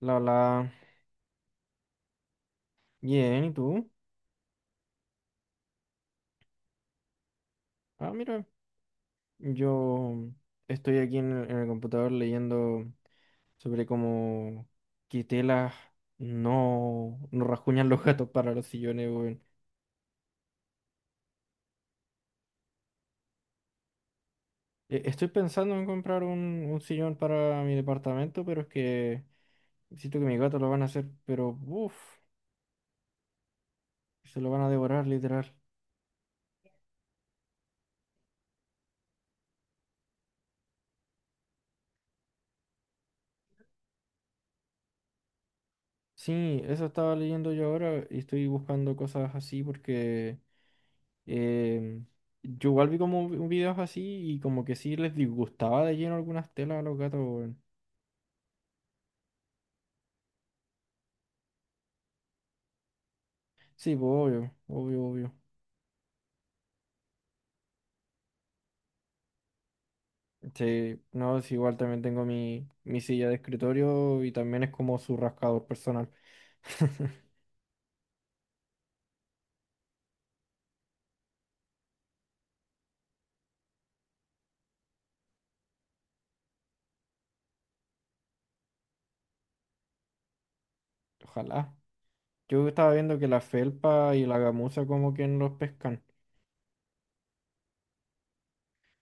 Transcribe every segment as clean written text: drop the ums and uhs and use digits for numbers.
La, la, Bien, ¿y tú? Ah, mira, yo estoy aquí en el computador leyendo sobre cómo que telas no rasguñan los gatos para los sillones, weón. Estoy pensando en comprar un sillón para mi departamento, pero es que siento que mis gatos lo van a hacer, pero uff, se lo van a devorar, literal. Sí, eso estaba leyendo yo ahora y estoy buscando cosas así porque... eh yo igual vi como videos así y como que sí les disgustaba de lleno algunas telas a los gatos, weón. Sí, pues obvio, obvio, obvio. Sí, no, es igual también tengo mi silla de escritorio y también es como su rascador personal. Ojalá. Yo estaba viendo que la felpa y la gamuza como que no los pescan,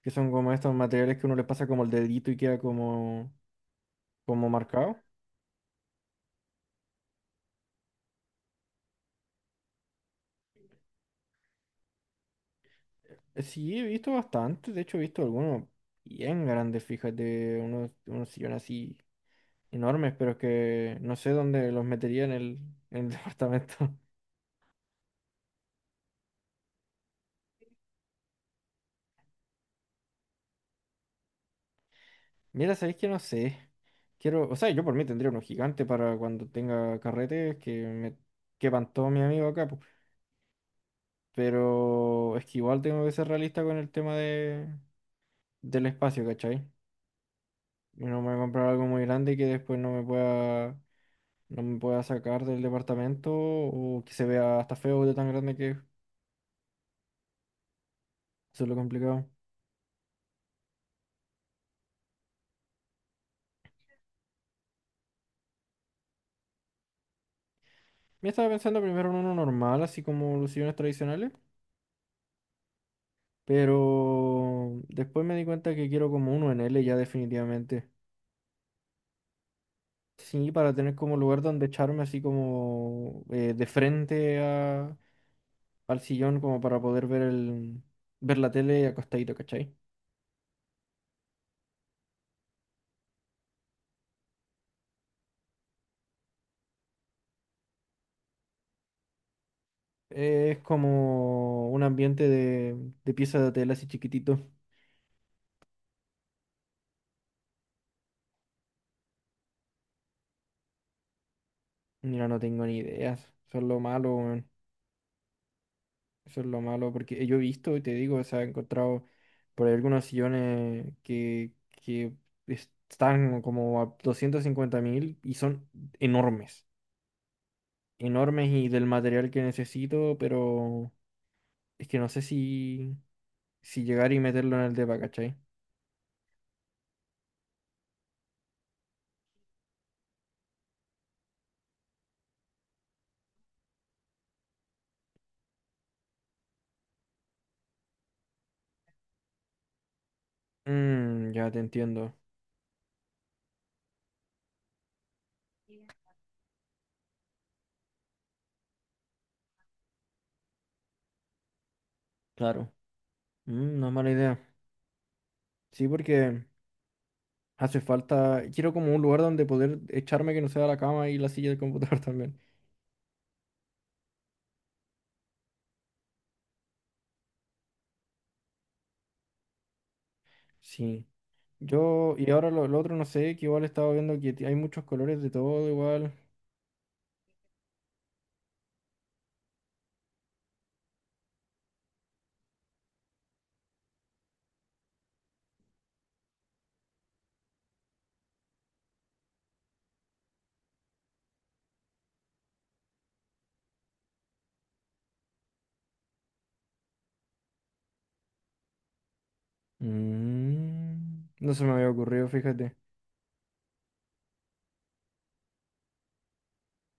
que son como estos materiales que uno le pasa como el dedito y queda como, como marcado. Sí, he visto bastante, de hecho he visto algunos bien grandes, fíjate, unos sillones así enormes, pero es que no sé dónde los metería en el departamento. Mira, sabéis que no sé. Quiero, o sea, yo por mí tendría uno gigante para cuando tenga carretes que todo mi amigo acá, po. Pero es que igual tengo que ser realista con el tema del espacio, ¿cachai? Y no me voy a comprar algo muy grande que después no me pueda sacar del departamento o que se vea hasta feo de tan grande que es. Eso es lo complicado. Me estaba pensando primero en uno normal, así como los sillones tradicionales, pero después me di cuenta que quiero como uno en L ya definitivamente. Sí, para tener como lugar donde echarme así como de frente al sillón como para poder ver la tele acostadito, ¿cachai? Es como un ambiente de pieza de tela así chiquitito. Mira, no tengo ni ideas. Eso es lo malo, weón. Eso es lo malo, porque yo he visto y te digo, o sea, he encontrado por ahí algunos sillones que están como a 250.000 y son enormes. Enormes y del material que necesito, pero es que no sé si llegar y meterlo en el depa, ¿cachai? Mm, ya te entiendo. Claro. Mm, no es mala idea. Sí, porque hace falta. Quiero como un lugar donde poder echarme que no sea la cama y la silla del computador también. Sí. Yo, y ahora lo otro no sé, que igual estaba viendo que hay muchos colores de todo igual. Mm, no se me había ocurrido, fíjate.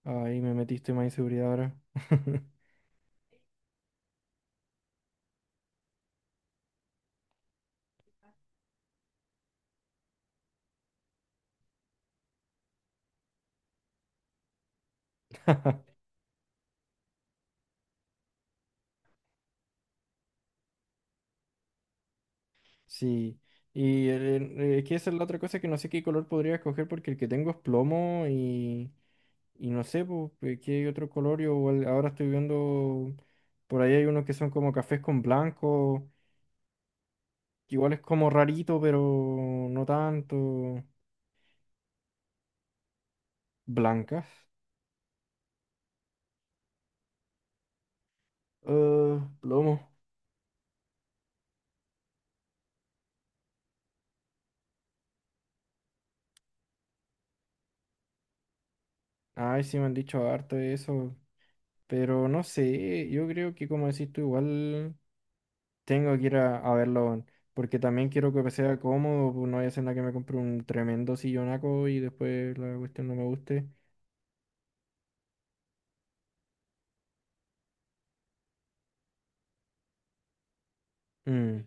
Ahí me metiste más inseguridad ahora. Sí. Y es que esa es la otra cosa que no sé qué color podría escoger porque el que tengo es plomo y no sé po, qué otro color. Yo igual ahora estoy viendo, por ahí hay unos que son como cafés con blanco, que igual es como rarito, pero no tanto. Blancas. Ah, plomo. Ay, sí me han dicho harto de eso, pero no sé, yo creo que como decís tú, igual tengo que ir a verlo, porque también quiero que sea cómodo, pues no vaya a ser nada que me compre un tremendo sillonaco y después la cuestión no me guste. Mm,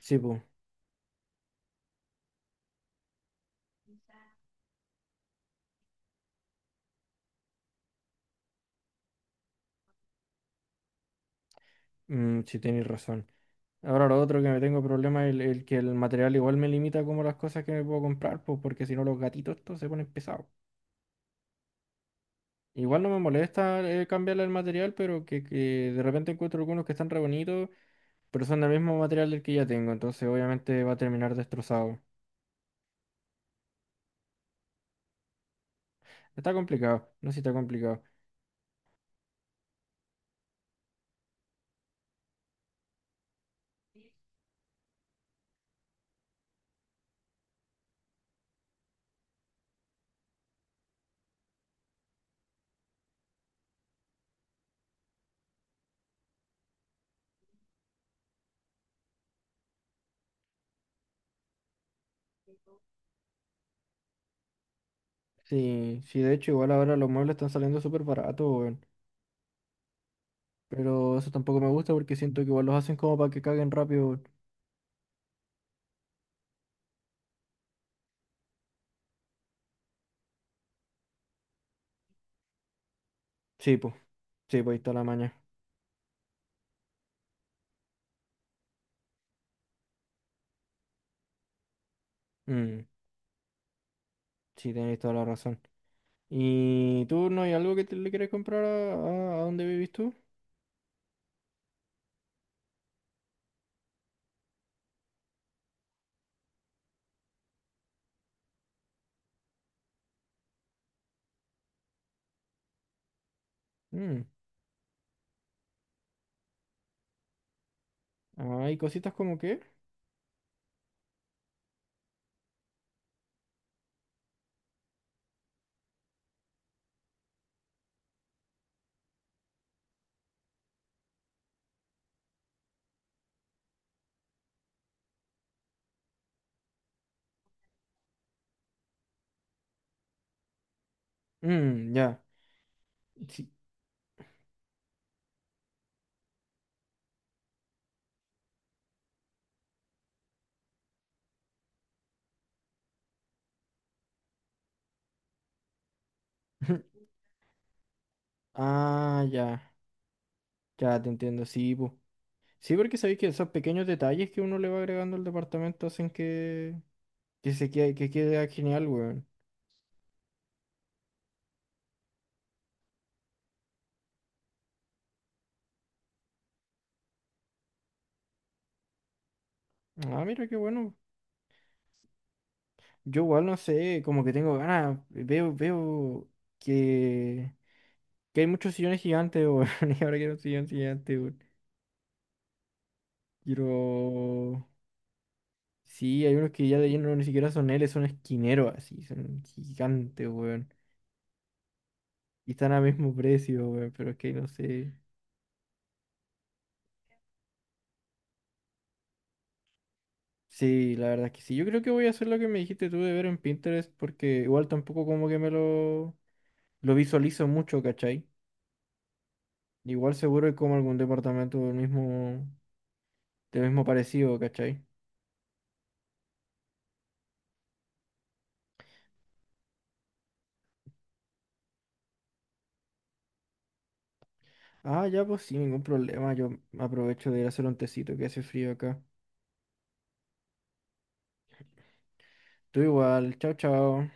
sí, pues, sí tenéis razón. Ahora lo otro que me tengo problema es el que el material igual me limita como las cosas que me puedo comprar, pues porque si no los gatitos estos se ponen pesados. Igual no me molesta cambiarle el material, pero que de repente encuentro algunos que están re bonitos, pero son del mismo material del que ya tengo, entonces obviamente va a terminar destrozado. Está complicado, no sé si está complicado. Sí, sí, de hecho igual ahora los muebles están saliendo súper baratos, weón. Pero eso tampoco me gusta porque siento que igual los hacen como para que caguen rápido, weón. Sí, pues, sí, pues ahí está la maña. Mm, sí, tenéis toda la razón. ¿Y tú no hay algo que te, le quieres comprar a donde vivís tú? Mm, ¿hay cositas como que? Mm, ya. Sí. Ah, ya, ya te entiendo, sí, pu. Sí, porque sabéis que esos pequeños detalles que uno le va agregando al departamento hacen que se quede, que quede genial, weón. Ah, mira qué bueno. Yo igual no sé, como que tengo ganas, veo que, que hay muchos sillones gigantes, weón, y ahora quiero un sillón gigante, weón. Quiero... Sí, hay unos que ya de lleno no, ni siquiera son L, son esquineros así, son gigantes, weón. Y están a mismo precio, weón, pero es que no sé. Sí, la verdad es que sí. Yo creo que voy a hacer lo que me dijiste tú de ver en Pinterest, porque igual tampoco como que me lo visualizo mucho, ¿cachai? Igual seguro hay como algún departamento del mismo parecido, ¿cachai? Ah, ya pues sí, ningún problema. Yo aprovecho de ir a hacer un tecito que hace frío acá. Tú igual, chao, chao.